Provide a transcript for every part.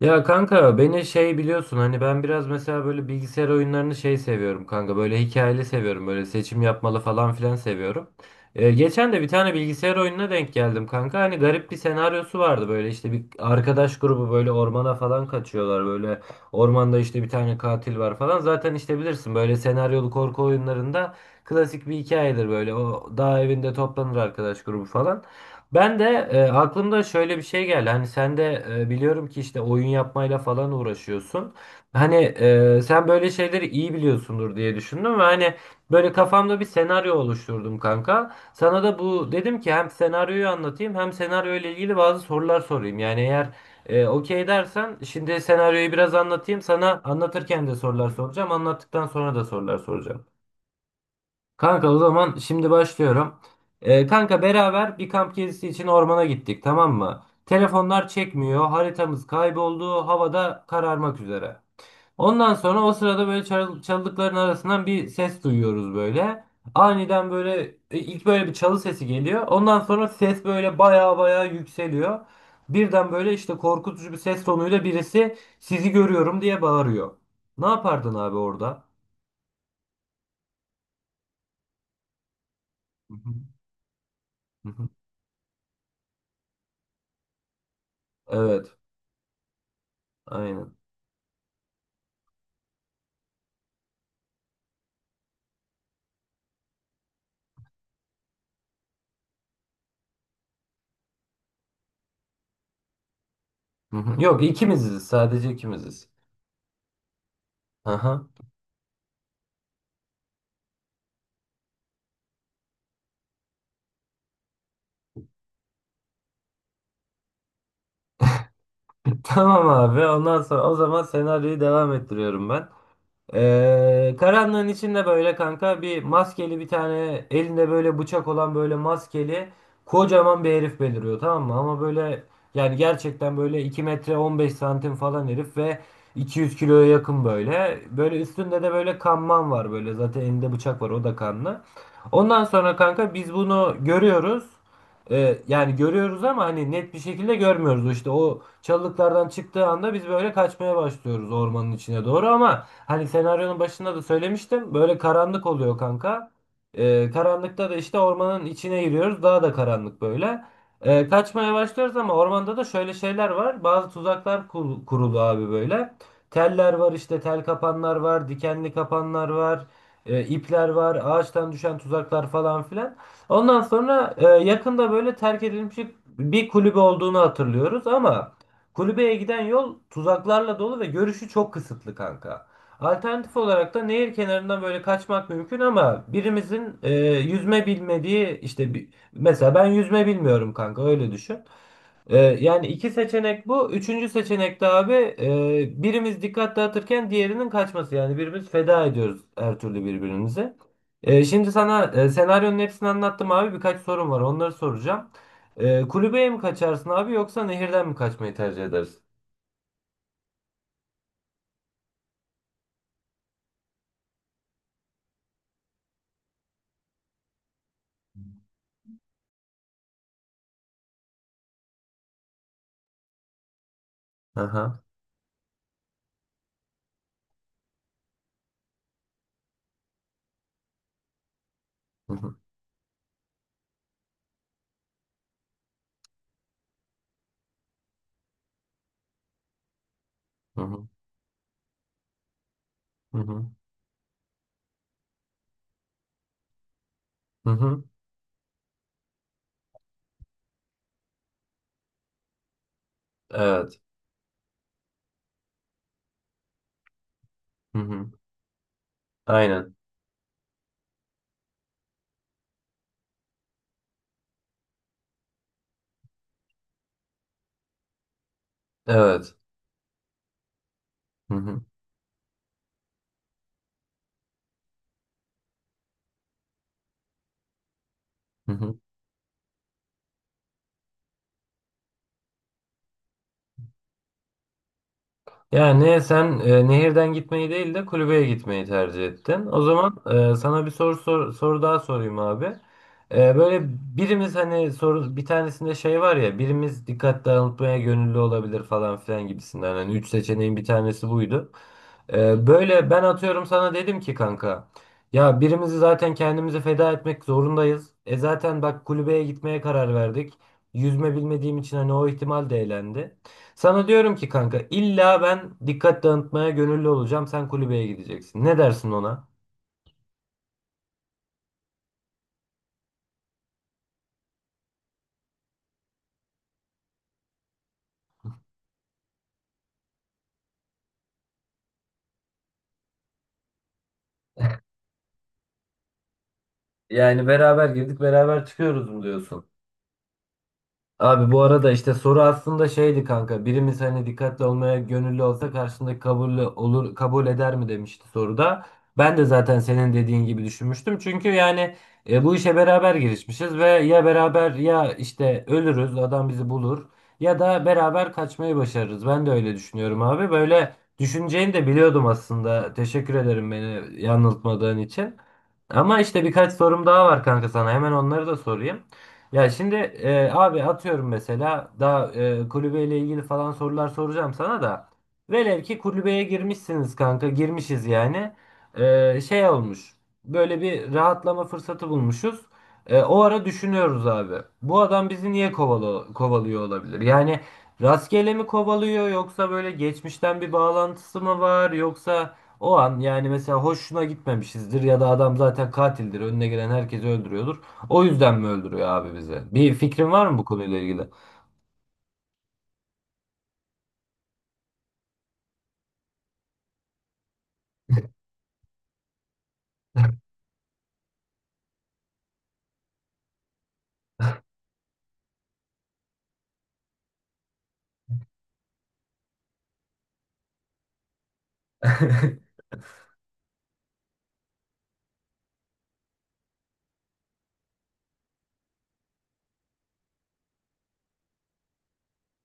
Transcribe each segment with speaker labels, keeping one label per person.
Speaker 1: Ya kanka beni şey biliyorsun hani ben biraz mesela böyle bilgisayar oyunlarını şey seviyorum kanka böyle hikayeli seviyorum böyle seçim yapmalı falan filan seviyorum. Geçen de bir tane bilgisayar oyununa denk geldim kanka hani garip bir senaryosu vardı böyle işte bir arkadaş grubu böyle ormana falan kaçıyorlar böyle ormanda işte bir tane katil var falan zaten işte bilirsin böyle senaryolu korku oyunlarında klasik bir hikayedir böyle o dağ evinde toplanır arkadaş grubu falan. Ben de aklımda şöyle bir şey geldi. Hani sen de biliyorum ki işte oyun yapmayla falan uğraşıyorsun. Hani sen böyle şeyleri iyi biliyorsundur diye düşündüm ve hani böyle kafamda bir senaryo oluşturdum kanka. Sana da bu dedim ki hem senaryoyu anlatayım hem senaryo ile ilgili bazı sorular sorayım. Yani eğer okey dersen şimdi senaryoyu biraz anlatayım. Sana anlatırken de sorular soracağım. Anlattıktan sonra da sorular soracağım. Kanka o zaman şimdi başlıyorum. Kanka beraber bir kamp gezisi için ormana gittik, tamam mı? Telefonlar çekmiyor, haritamız kayboldu, havada kararmak üzere. Ondan sonra o sırada böyle çalılıkların arasından bir ses duyuyoruz böyle. Aniden böyle ilk böyle bir çalı sesi geliyor. Ondan sonra ses böyle baya baya yükseliyor. Birden böyle işte korkutucu bir ses tonuyla birisi sizi görüyorum diye bağırıyor. Ne yapardın abi orada? Hı hı. Hı hı. Evet, aynen. Hı hı. Yok, ikimiziz, sadece ikimiziz. Aha. Tamam abi, ondan sonra o zaman senaryoyu devam ettiriyorum ben. Karanlığın içinde böyle kanka bir maskeli bir tane elinde böyle bıçak olan böyle maskeli kocaman bir herif beliriyor, tamam mı? Ama böyle yani gerçekten böyle 2 metre 15 santim falan herif ve 200 kiloya yakın böyle. Böyle üstünde de böyle kanman var böyle, zaten elinde bıçak var, o da kanlı. Ondan sonra kanka biz bunu görüyoruz. Yani görüyoruz ama hani net bir şekilde görmüyoruz. İşte o çalılıklardan çıktığı anda biz böyle kaçmaya başlıyoruz ormanın içine doğru ama hani senaryonun başında da söylemiştim. Böyle karanlık oluyor kanka. Karanlıkta da işte ormanın içine giriyoruz. Daha da karanlık böyle. Kaçmaya başlıyoruz ama ormanda da şöyle şeyler var. Bazı tuzaklar kurulu abi böyle. Teller var, işte tel kapanlar var, dikenli kapanlar var, ipler var, ağaçtan düşen tuzaklar falan filan. Ondan sonra yakında böyle terk edilmiş bir kulübe olduğunu hatırlıyoruz ama kulübeye giden yol tuzaklarla dolu ve görüşü çok kısıtlı kanka. Alternatif olarak da nehir kenarından böyle kaçmak mümkün ama birimizin yüzme bilmediği işte bir, mesela ben yüzme bilmiyorum kanka, öyle düşün. E, yani iki seçenek bu. Üçüncü seçenek de abi birimiz dikkat dağıtırken diğerinin kaçması. Yani birbirimiz feda ediyoruz her türlü birbirimize. Şimdi sana senaryonun hepsini anlattım abi, birkaç sorum var, onları soracağım. Kulübeye mi kaçarsın abi yoksa nehirden mi kaçmayı tercih edersin? Aha. Hı hı. Hı hı. Hı hı. Hı hı. Evet. Hı hı. Aynen. Evet. Hı hı. Hı hı. Yani sen nehirden gitmeyi değil de kulübeye gitmeyi tercih ettin. O zaman sana bir soru daha sorayım abi. Böyle birimiz, hani soru bir tanesinde şey var ya, birimiz dikkat dağıtmaya gönüllü olabilir falan filan gibisinden. Hani üç seçeneğin bir tanesi buydu. Böyle ben atıyorum sana dedim ki kanka ya birimizi zaten kendimizi feda etmek zorundayız. E zaten bak kulübeye gitmeye karar verdik. Yüzme bilmediğim için hani o ihtimal de elendi. Sana diyorum ki kanka illa ben dikkat dağıtmaya gönüllü olacağım. Sen kulübeye gideceksin. Ne dersin ona? Yani beraber girdik beraber çıkıyoruz mu diyorsun? Abi bu arada işte soru aslında şeydi kanka. Birimiz hani dikkatli olmaya gönüllü olsa karşındaki kabul olur kabul eder mi demişti soruda. Ben de zaten senin dediğin gibi düşünmüştüm. Çünkü yani bu işe beraber girişmişiz ve ya beraber ya işte ölürüz adam bizi bulur ya da beraber kaçmayı başarırız. Ben de öyle düşünüyorum abi. Böyle düşüneceğini de biliyordum aslında. Teşekkür ederim beni yanıltmadığın için. Ama işte birkaç sorum daha var kanka sana. Hemen onları da sorayım. Ya şimdi abi atıyorum mesela daha kulübeyle ilgili falan sorular soracağım sana da. Velev ki kulübeye girmişsiniz kanka, girmişiz yani. Şey olmuş, böyle bir rahatlama fırsatı bulmuşuz. O ara düşünüyoruz abi. Bu adam bizi niye kovalıyor olabilir? Yani rastgele mi kovalıyor yoksa böyle geçmişten bir bağlantısı mı var yoksa o an yani mesela hoşuna gitmemişizdir ya da adam zaten katildir önüne gelen herkesi öldürüyordur. O yüzden mi öldürüyor abi bizi? Bir fikrin var mı bu konuyla ilgili?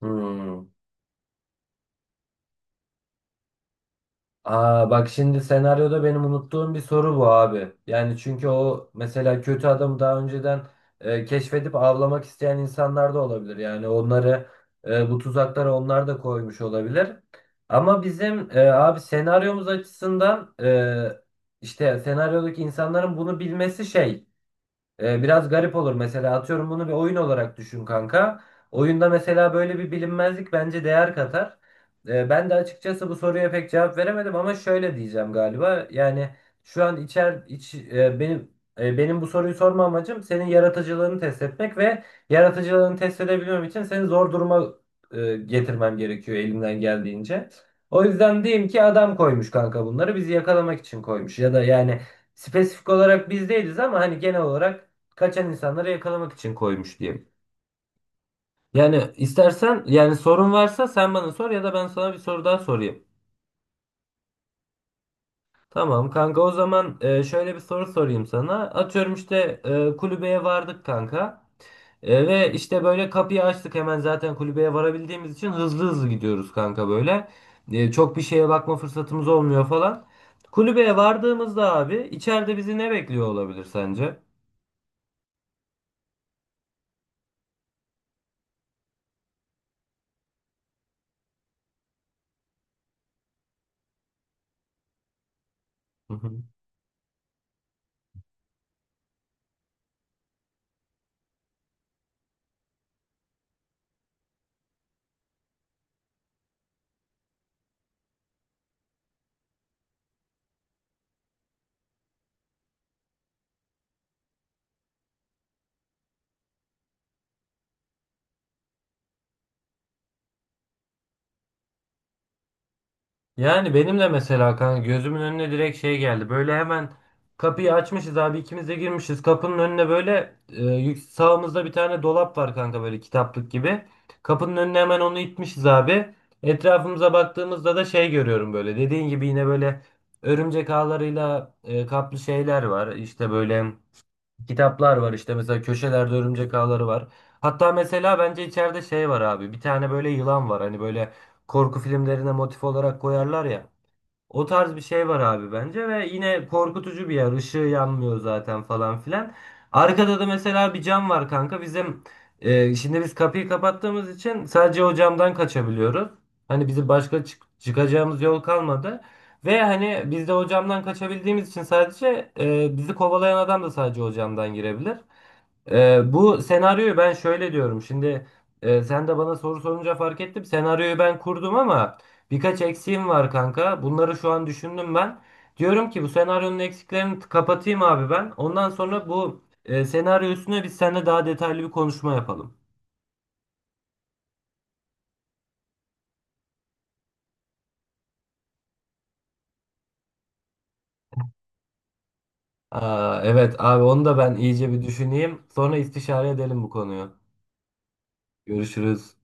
Speaker 1: Hmm. Aa bak şimdi senaryoda benim unuttuğum bir soru bu abi. Yani çünkü o mesela kötü adamı daha önceden keşfedip avlamak isteyen insanlar da olabilir. Yani onları bu tuzakları onlar da koymuş olabilir. Ama bizim abi senaryomuz açısından işte senaryodaki insanların bunu bilmesi şey. Biraz garip olur, mesela atıyorum bunu bir oyun olarak düşün kanka. Oyunda mesela böyle bir bilinmezlik bence değer katar. Ben de açıkçası bu soruya pek cevap veremedim ama şöyle diyeceğim galiba. Yani şu an benim benim bu soruyu sorma amacım senin yaratıcılığını test etmek ve yaratıcılığını test edebilmem için seni zor duruma getirmem gerekiyor elimden geldiğince. O yüzden diyeyim ki adam koymuş kanka, bunları bizi yakalamak için koymuş ya da yani spesifik olarak biz değiliz ama hani genel olarak kaçan insanları yakalamak için koymuş diyeyim. Yani istersen yani sorun varsa sen bana sor ya da ben sana bir soru daha sorayım. Tamam kanka, o zaman şöyle bir soru sorayım sana. Atıyorum işte kulübeye vardık kanka. Ve işte böyle kapıyı açtık, hemen zaten kulübeye varabildiğimiz için hızlı hızlı gidiyoruz kanka böyle. Çok bir şeye bakma fırsatımız olmuyor falan. Kulübeye vardığımızda abi içeride bizi ne bekliyor olabilir sence? Yani benim de mesela kanka gözümün önüne direkt şey geldi. Böyle hemen kapıyı açmışız abi, ikimiz de girmişiz. Kapının önüne böyle sağımızda bir tane dolap var kanka böyle kitaplık gibi. Kapının önüne hemen onu itmişiz abi. Etrafımıza baktığımızda da şey görüyorum böyle. Dediğin gibi yine böyle örümcek ağlarıyla kaplı şeyler var. İşte böyle kitaplar var, işte mesela köşelerde örümcek ağları var. Hatta mesela bence içeride şey var abi. Bir tane böyle yılan var. Hani böyle korku filmlerine motif olarak koyarlar ya. O tarz bir şey var abi bence ve yine korkutucu bir yer. Işığı yanmıyor zaten falan filan. Arkada da mesela bir cam var kanka. Bizim şimdi biz kapıyı kapattığımız için sadece o camdan kaçabiliyoruz. Hani bizim başka çıkacağımız yol kalmadı. Ve hani biz de o camdan kaçabildiğimiz için sadece bizi kovalayan adam da sadece o camdan girebilir. Bu senaryoyu ben şöyle diyorum. Şimdi sen de bana soru sorunca fark ettim. Senaryoyu ben kurdum ama birkaç eksiğim var kanka. Bunları şu an düşündüm ben. Diyorum ki bu senaryonun eksiklerini kapatayım abi ben. Ondan sonra bu senaryo üstüne biz seninle daha detaylı bir konuşma yapalım. Aa, evet abi, onu da ben iyice bir düşüneyim. Sonra istişare edelim bu konuyu. Görüşürüz.